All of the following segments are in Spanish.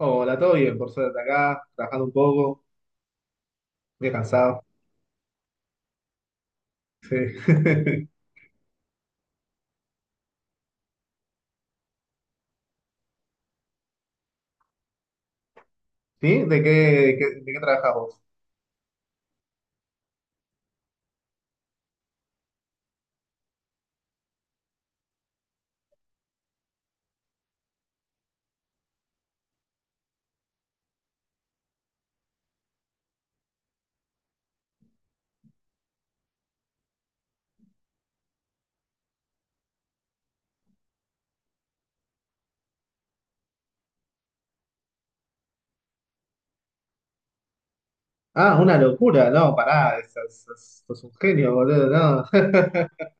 Hola, todo bien, por suerte acá, trabajando un poco, muy cansado. Sí. ¿Sí? ¿De qué, de qué trabajas vos? Ah, una locura, no, pará, sos un genio, boludo, no.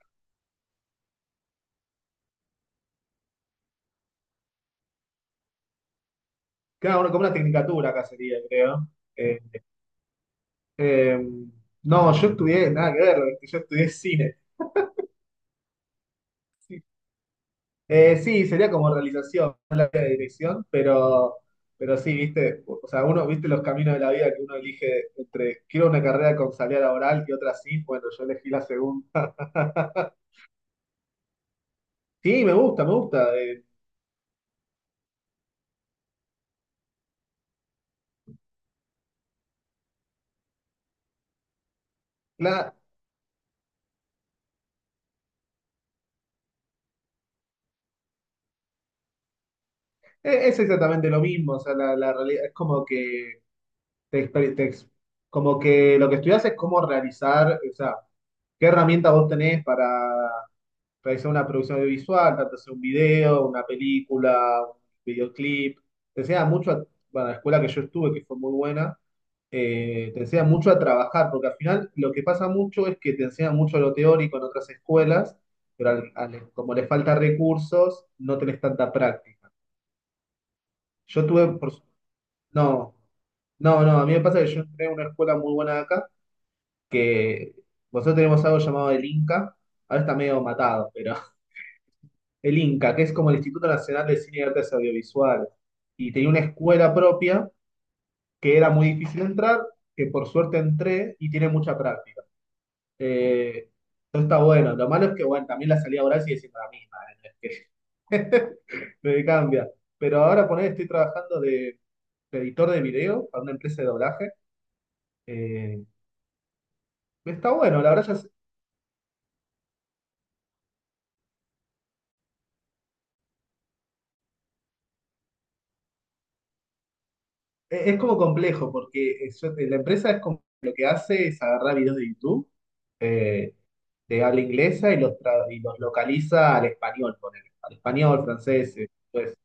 Claro, uno como una tecnicatura acá sería, creo. Eh, eh, no, yo estudié, nada que ver, ¿viste? Yo estudié cine. Sí, sería como realización, no la dirección, pero sí, viste, o sea, uno, viste los caminos de la vida que uno elige entre quiero una carrera con salida laboral y otra sí, bueno, yo elegí la segunda. Sí, me gusta, me gusta. La- es exactamente lo mismo, o sea, la realidad es como que te, exper- te ex- como que lo que estudias es cómo realizar, o sea, qué herramientas vos tenés para realizar una producción audiovisual, tanto sea un video, una película, un videoclip. Te enseña mucho, bueno, la escuela que yo estuve, que fue muy buena, te enseña mucho a trabajar, porque al final lo que pasa mucho es que te enseñan mucho lo teórico en otras escuelas, pero como les falta recursos, no tenés tanta práctica. Yo tuve, por su- no, No, no, a mí me pasa que yo entré en una escuela muy buena de acá, que nosotros tenemos algo llamado el Inca, ahora está medio matado, pero el INCA, que es como el Instituto Nacional de Cine y Artes Audiovisuales, y tenía una escuela propia que era muy difícil entrar, que por suerte entré y tiene mucha práctica. Eh, eso está bueno, lo malo es que bueno, también la salida laboral sigue siendo la misma, no es que me cambia. Pero ahora poner, estoy trabajando de editor de video para una empresa de doblaje. eh, Está bueno, la verdad ya es como complejo, porque eso- la empresa es como lo que hace es agarrar videos de YouTube, eh, de habla inglesa y y los localiza al español, ponele, al español, francés. Pues,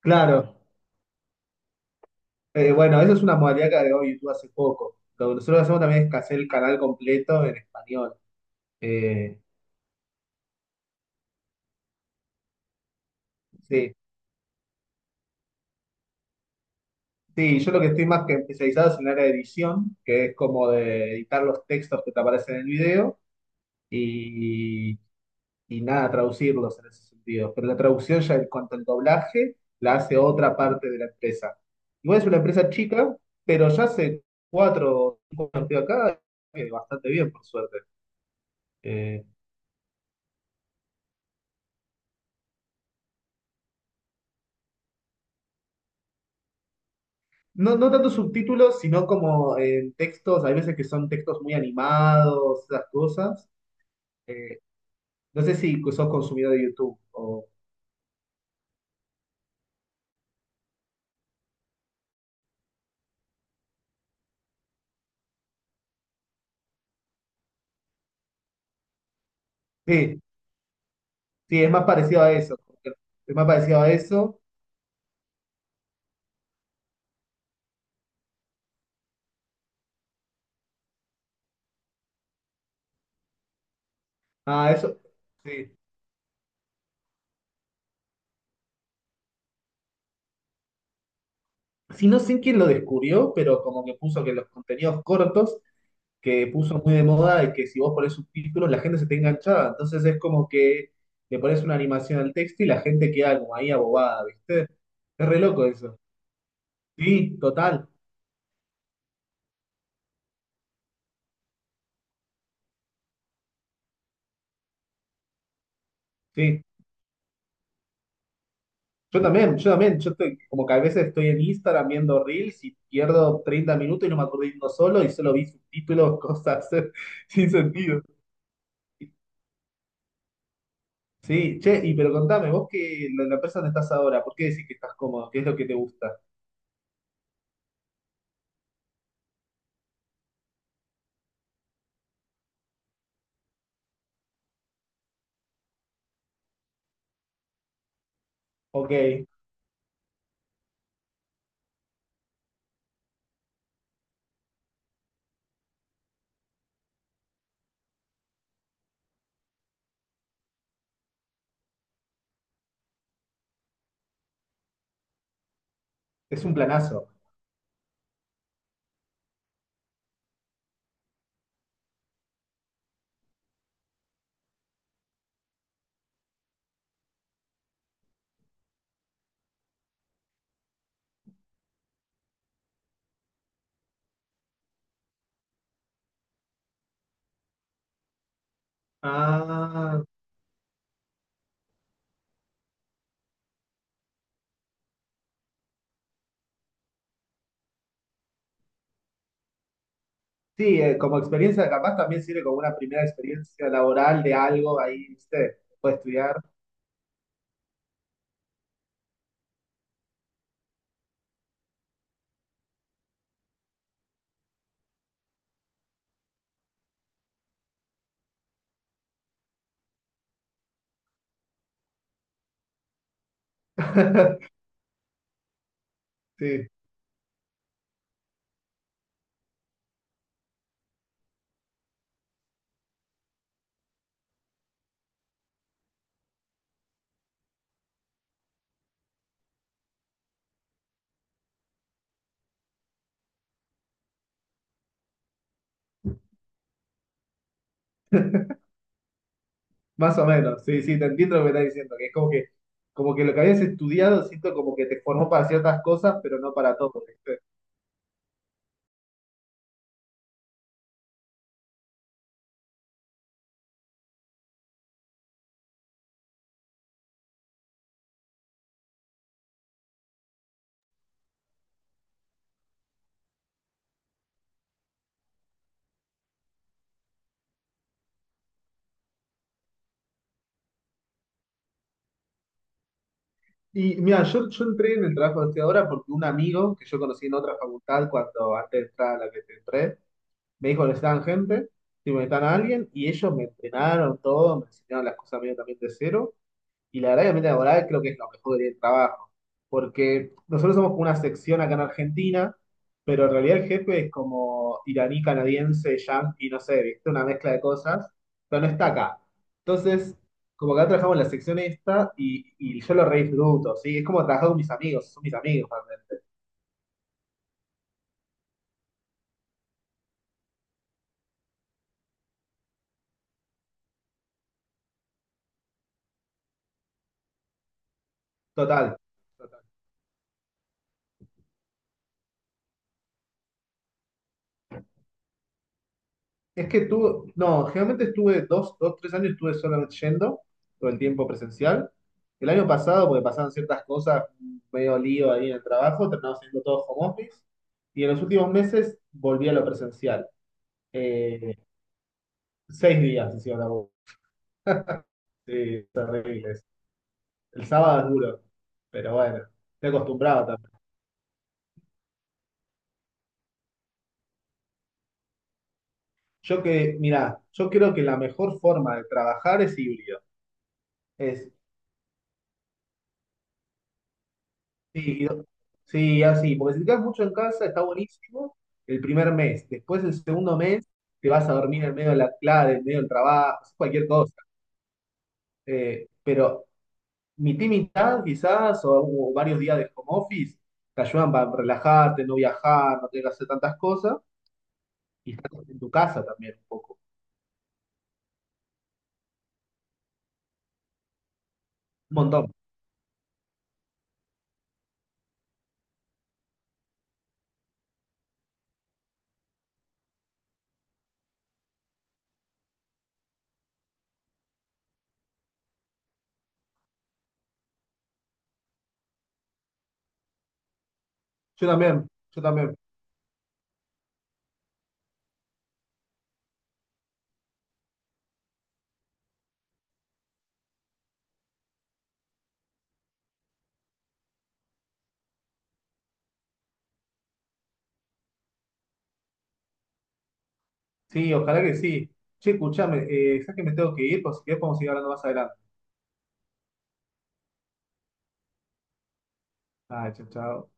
claro. Bueno, esa es una modalidad que agregó YouTube hace poco. Lo que nosotros hacemos también es que hacer el canal completo en español. Eh, sí, sí, yo lo que estoy más que especializado es en el área de edición, que es como de editar los textos que te aparecen en el video. Y y nada, traducirlos en ese sentido. Pero la traducción ya en cuanto al doblaje la hace otra parte de la empresa. Igual es una empresa chica, pero ya hace cuatro o cinco años que estoy acá, bastante bien, por suerte. Eh, no, no tanto subtítulos, sino como en textos, hay veces que son textos muy animados, esas cosas. Eh, no sé si sos consumidor de YouTube o... Sí, sí, es más parecido a eso. Es más parecido a eso. Ah, eso. Sí. Si no sé quién lo descubrió, pero como que puso que los contenidos cortos, que puso muy de moda, y que si vos pones subtítulos la gente se te enganchada. Entonces es como que le pones una animación al texto y la gente queda como ahí abobada, ¿viste? Es re loco eso. Sí, total, sí. Yo también, yo también, yo estoy, como que a veces estoy en Instagram viendo Reels y pierdo 30 minutos y no me acuerdo de uno solo y solo vi subtítulos, cosas sin sentido. Sí, che, y pero contame, vos que la empresa donde estás ahora, ¿por qué decís que estás cómodo? ¿Qué es lo que te gusta? Ok, es un planazo. Ah, sí, como experiencia capaz también sirve como una primera experiencia laboral de algo ahí, ¿viste? Puedes estudiar. Sí, más o menos, sí, sí, te entiendo lo que estás diciendo, que es como que lo que habías estudiado, siento como que te formó para ciertas cosas, pero no para todo, ¿viste? Y mira, yo entré en el trabajo de ahora porque un amigo que yo conocí en otra facultad cuando antes de entrar a la que te entré, me dijo que necesitaban gente, si me necesitaban a alguien, y ellos me entrenaron todo, me enseñaron las cosas medio también de cero, y la verdad que el ambiente laboral creo que es lo mejor del trabajo, porque nosotros somos como una sección acá en Argentina, pero en realidad el jefe es como iraní, canadiense, yanqui, no sé, ¿viste? Una mezcla de cosas, pero no está acá. Entonces, como que acá trabajamos en la sección esta, y yo lo re disfruto, ¿sí? Es como trabajar con mis amigos, son mis amigos realmente. Total. Es que tuve, no, generalmente estuve dos, tres años estuve solamente yendo, todo el tiempo presencial. El año pasado, porque pasaban ciertas cosas, medio lío ahí en el trabajo, terminamos haciendo todo home office. Y en los últimos meses volví a lo presencial. Eh, Seis días hicieron la voz. Sí, terribles. El sábado es duro, pero bueno, estoy acostumbrado también. Yo que, mirá, yo creo que la mejor forma de trabajar es híbrido. Es Sí, sí, así, porque si te quedas mucho en casa está buenísimo el primer mes, después el segundo mes te vas a dormir en medio de la clase, en medio del trabajo, haces cualquier cosa. Pero mitad y mitad quizás, o varios días de home office, te ayudan para relajarte, no viajar, no tener que hacer tantas cosas, y estás en tu casa también un poco, un montón. Yo también, yo también. Sí, ojalá que sí. Che, escuchame, ¿sabes que me tengo que ir? Por si querés podemos seguir hablando más adelante. Ah, chao, chao.